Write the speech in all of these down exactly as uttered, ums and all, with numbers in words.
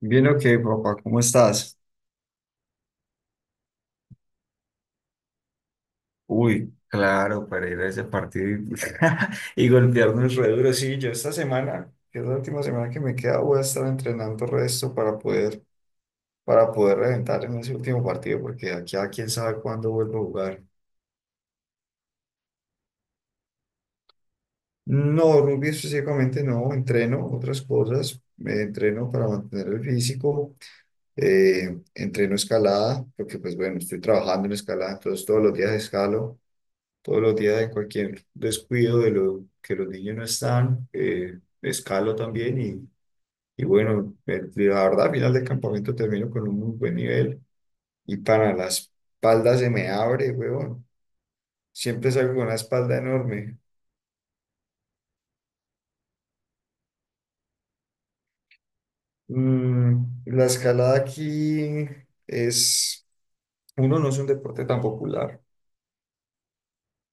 Bien, ok, papá, ¿cómo estás? Uy, Claro, para ir a ese partido y, y golpearnos re duro. Sí, yo esta semana, que es la última semana que me queda, voy a estar entrenando resto para poder, para poder reventar en ese último partido, porque aquí a quién sabe cuándo vuelvo a jugar. No, rugby específicamente no, entreno otras cosas, me entreno para mantener el físico, eh, entreno escalada, porque pues bueno, estoy trabajando en escalada, entonces todos los días escalo. Todos los días en cualquier descuido de lo que los niños no están, eh, escalo también y, y bueno, eh, la verdad al final del campamento termino con un muy buen nivel y para la espalda se me abre, huevón. Siempre salgo con una espalda enorme. Mm, la escalada aquí es, uno, no es un deporte tan popular.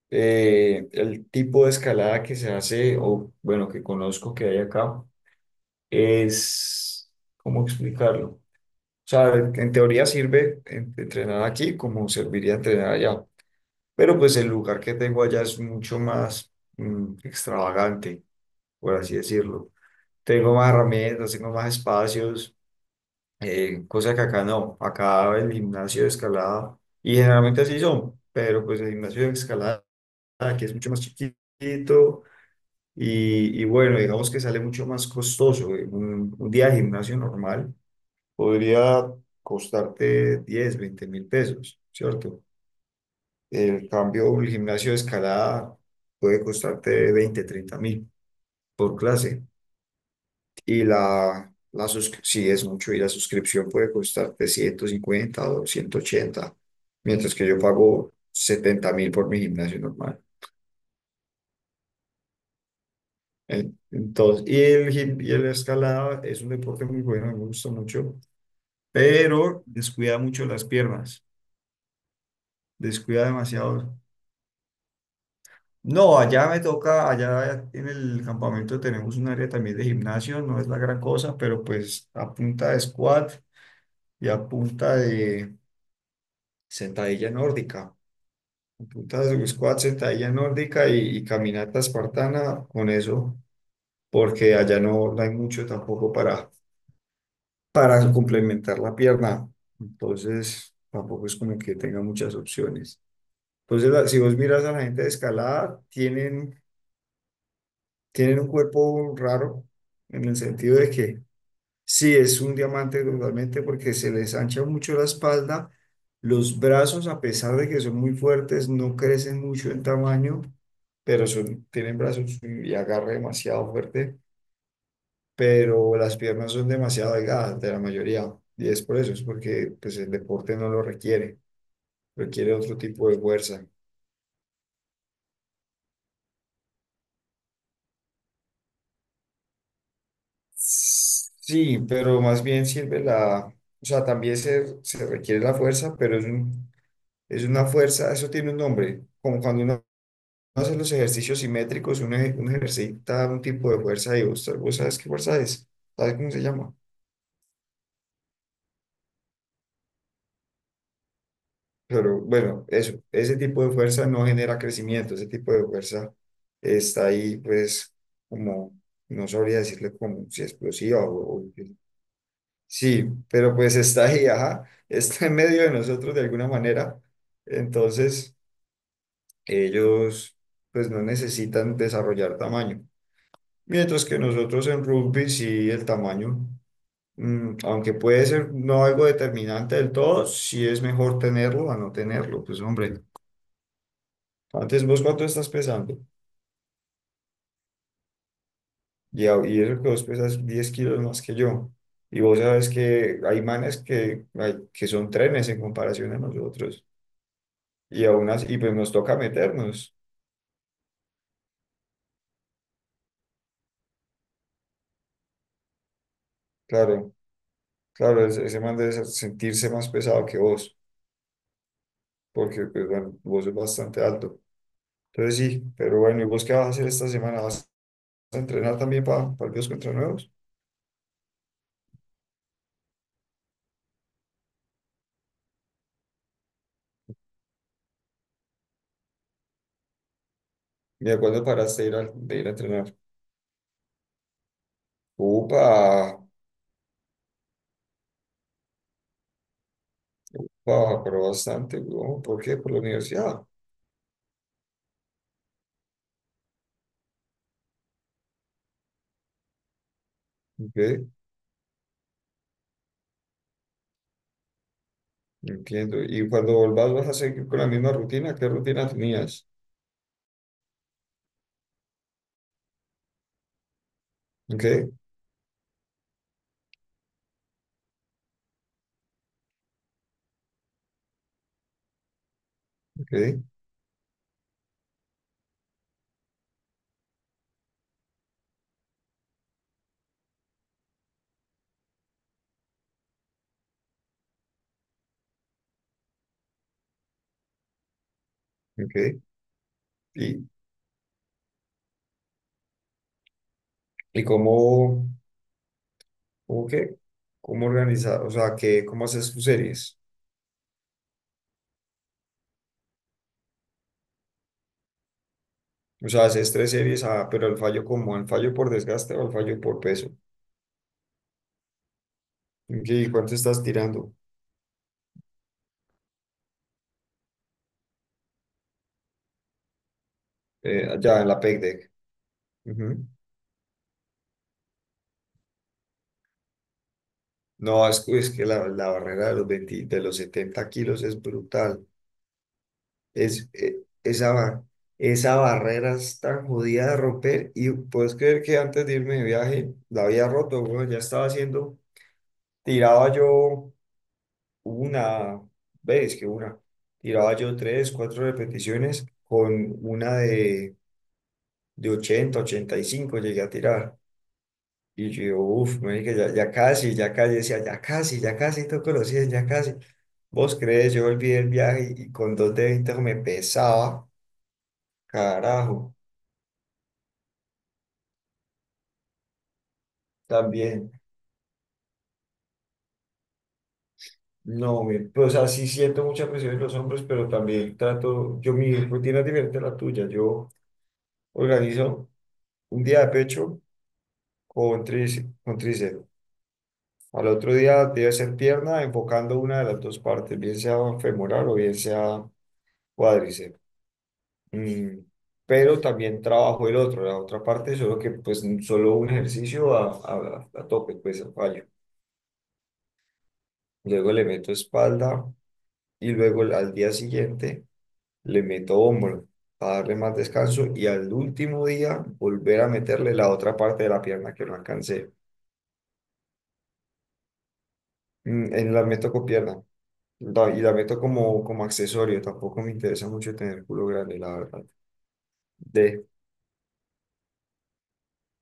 Eh, el tipo de escalada que se hace, o bueno, que conozco que hay acá, es, ¿cómo explicarlo? O sea, en en teoría sirve en- entrenar aquí como serviría entrenar allá. Pero pues el lugar que tengo allá es mucho más mm, extravagante, por así decirlo. Tengo más herramientas, tengo más espacios, eh, cosa que acá no. Acá el gimnasio de escalada, y generalmente así son, pero pues el gimnasio de escalada aquí es mucho más chiquito y, y bueno, digamos que sale mucho más costoso. eh, Un, un día de gimnasio normal podría costarte diez veinte mil pesos, ¿cierto? El cambio, un gimnasio de escalada puede costarte veinte treinta mil por clase. Y la, la suscri- sí es mucho, y la suscripción puede costarte ciento cincuenta o ciento ochenta mientras que yo pago setenta mil por mi gimnasio normal. En- Entonces, y el, gim- y el escalada es un deporte muy bueno, me gusta mucho, pero descuida mucho las piernas, descuida demasiado. No, allá me toca, allá en el campamento tenemos un área también de gimnasio, no es la gran cosa, pero pues a punta de squat y a punta de sentadilla nórdica, a punta de squat, sentadilla nórdica y, y caminata espartana con eso, porque allá no, no hay mucho tampoco para, para complementar la pierna, entonces tampoco es como que tenga muchas opciones. Entonces, la- si vos miras a la gente de escalada, tienen tienen un cuerpo raro en el sentido de que sí es un diamante totalmente porque se les ancha mucho la espalda, los brazos a pesar de que son muy fuertes no crecen mucho en tamaño, pero son, tienen brazos y agarre demasiado fuerte, pero las piernas son demasiado delgadas de la mayoría y es por eso, es porque pues el deporte no lo requiere, requiere otro tipo de fuerza. Sí, pero más bien sirve la, o sea, también se, se requiere la fuerza, pero es un, es una fuerza, eso tiene un nombre, como cuando uno hace los ejercicios simétricos, uno, ej- uno ejercita un tipo de fuerza y vos, vos sabes qué fuerza es, sabes cómo se llama, pero bueno, eso, ese tipo de fuerza no genera crecimiento, ese tipo de fuerza está ahí, pues, como, no sabría decirle como si explosiva o, o. Sí, pero pues está ahí, ajá, está en medio de nosotros de alguna manera. Entonces, ellos pues no necesitan desarrollar tamaño. Mientras que nosotros en rugby sí el tamaño, mm, aunque puede ser no algo determinante del todo, sí es mejor tenerlo a no tenerlo. Pues hombre, ¿antes vos cuánto estás pesando? Y, a- y eso que vos pesas diez kilos más que yo. Y vos sabes que hay manes que, hay- que son trenes en comparación a nosotros. Y aún así, y pues nos toca meternos. Claro, claro, ese, ese man debe ser- sentirse más pesado que vos, porque pues bueno, vos es bastante alto. Entonces sí, pero bueno, ¿y vos qué vas a hacer esta semana? ¿Vas a entrenar también para partidos contra nuevos? ¿Y de cuándo paraste de ir, al- de ir a entrenar? Upa, pa, pero bastante, weón. ¿Por qué? Por la universidad. Ok, entiendo. ¿Y cuando volvás vas a seguir con la misma rutina? ¿Qué rutina tenías? Ok, ok, ok. ¿Y, y cómo? ¿Cómo que? ¿Cómo organizar? O sea, que ¿cómo haces tus series? O sea, haces tres series, ah, pero el fallo como, el fallo por desgaste o el fallo por peso. Ok. ¿Y cuánto estás tirando? Eh, ya en la peg deck. Ujú. No, es, que es que la, la barrera de los veinte de los setenta kilos es brutal. Es, eh, esa, ba- esa barrera es tan jodida de romper. Y puedes creer que antes de irme de viaje la había roto, weón, ya estaba haciendo, tiraba yo. Una vez que una, tiraba yo tres, cuatro repeticiones con una de, de ochenta ochenta y cinco llegué a tirar. Y yo, uff, ya, ya casi, ya casi, decía, ya casi, ya casi toco los cien, ya casi. Vos crees, yo olvidé el viaje y, y con dos de veinte me pesaba, carajo, también. No, me, pues así siento mucha presión en los hombros, pero también trato, yo mi rutina es diferente a la tuya, yo organizo un día de pecho con tríce con tríceps. Al otro día debe ser pierna, enfocando una de las dos partes, bien sea femoral o bien sea cuádriceps. Mm, pero también trabajo el otro, la otra parte, solo que pues solo un ejercicio a, a, a tope, pues a fallo. Luego le meto espalda y luego el- al día siguiente le meto hombro para darle más descanso y al último día volver a meterle la otra parte de la pierna que no alcancé. Mm, En la meto con pierna. Da- y la meto como, como accesorio, tampoco me interesa mucho tener culo grande, la verdad. De,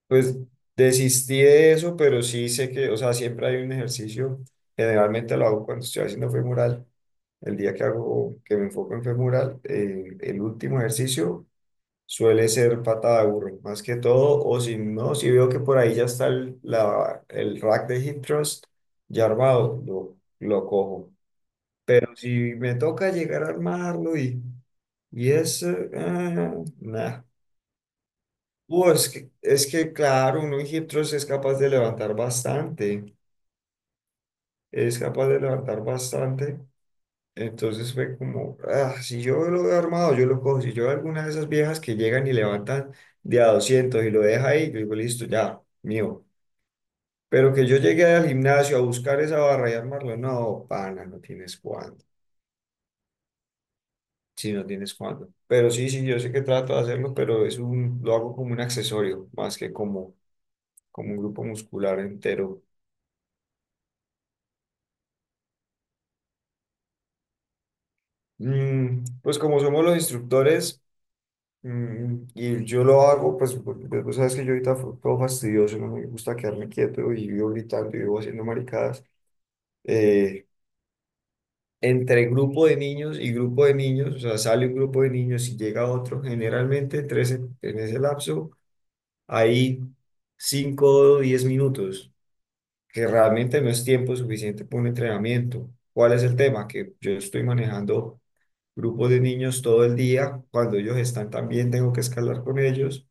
pues desistí de eso, pero sí sé que, o sea, siempre hay un ejercicio, generalmente lo hago cuando estoy haciendo femoral, el día que hago, que me enfoco en femoral, eh, el último ejercicio suele ser patada de burro, más que todo, o si no, si veo que por ahí ya está el, la- el rack de hip thrust ya armado, lo, lo cojo. Pero si me toca llegar a armarlo y Y eso, ah, nah. Uh, es que, es que, claro, uno en hip thrust es capaz de levantar bastante, es capaz de levantar bastante. Entonces fue como, ah, si yo lo veo armado, yo lo cojo. Si yo veo alguna de esas viejas que llegan y levantan de a doscientos y lo deja ahí, yo digo, listo, ya, mío. Pero que yo llegué al gimnasio a buscar esa barra y armarlo, no, pana, no tienes cuándo. Sí, no tienes cuándo. Pero sí, sí, yo sé que trato de hacerlo, pero es un, lo hago como un accesorio, más que como como un grupo muscular entero. Mm, pues como somos los instructores, mm, y yo lo hago, pues porque pues, vos sabes que yo ahorita fue todo fastidioso, no me gusta quedarme quieto y vivo gritando y vivo haciendo maricadas. Eh, Entre grupo de niños y grupo de niños, o sea, sale un grupo de niños y llega otro, generalmente entre ese- en ese lapso hay cinco o diez minutos, que realmente no es tiempo suficiente para un entrenamiento. ¿Cuál es el tema? Que yo estoy manejando grupo de niños todo el día. Cuando ellos están también tengo que escalar con ellos.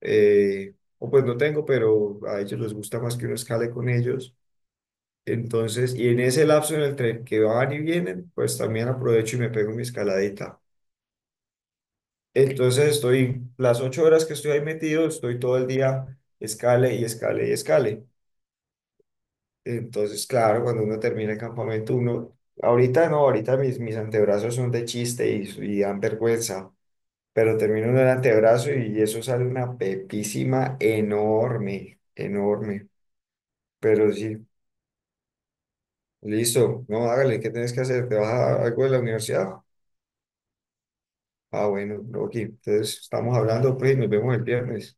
eh, o pues no tengo, pero a ellos les gusta más que uno escale con ellos. Entonces, y en ese lapso en el tren que van y vienen, pues también aprovecho y me pego mi escaladita. Entonces estoy, las ocho horas que estoy ahí metido, estoy todo el día escale y escale y escale. Entonces, claro, cuando uno termina el campamento, uno, ahorita no, ahorita mis, mis antebrazos son de chiste y, y dan vergüenza pero termino en el antebrazo y eso sale una pepísima enorme, enorme. Pero sí, listo, no, hágale, ¿qué tienes que hacer? ¿Te vas a algo de la universidad? Ah, bueno, bro, aquí. Entonces, estamos hablando, pues, y nos vemos el viernes.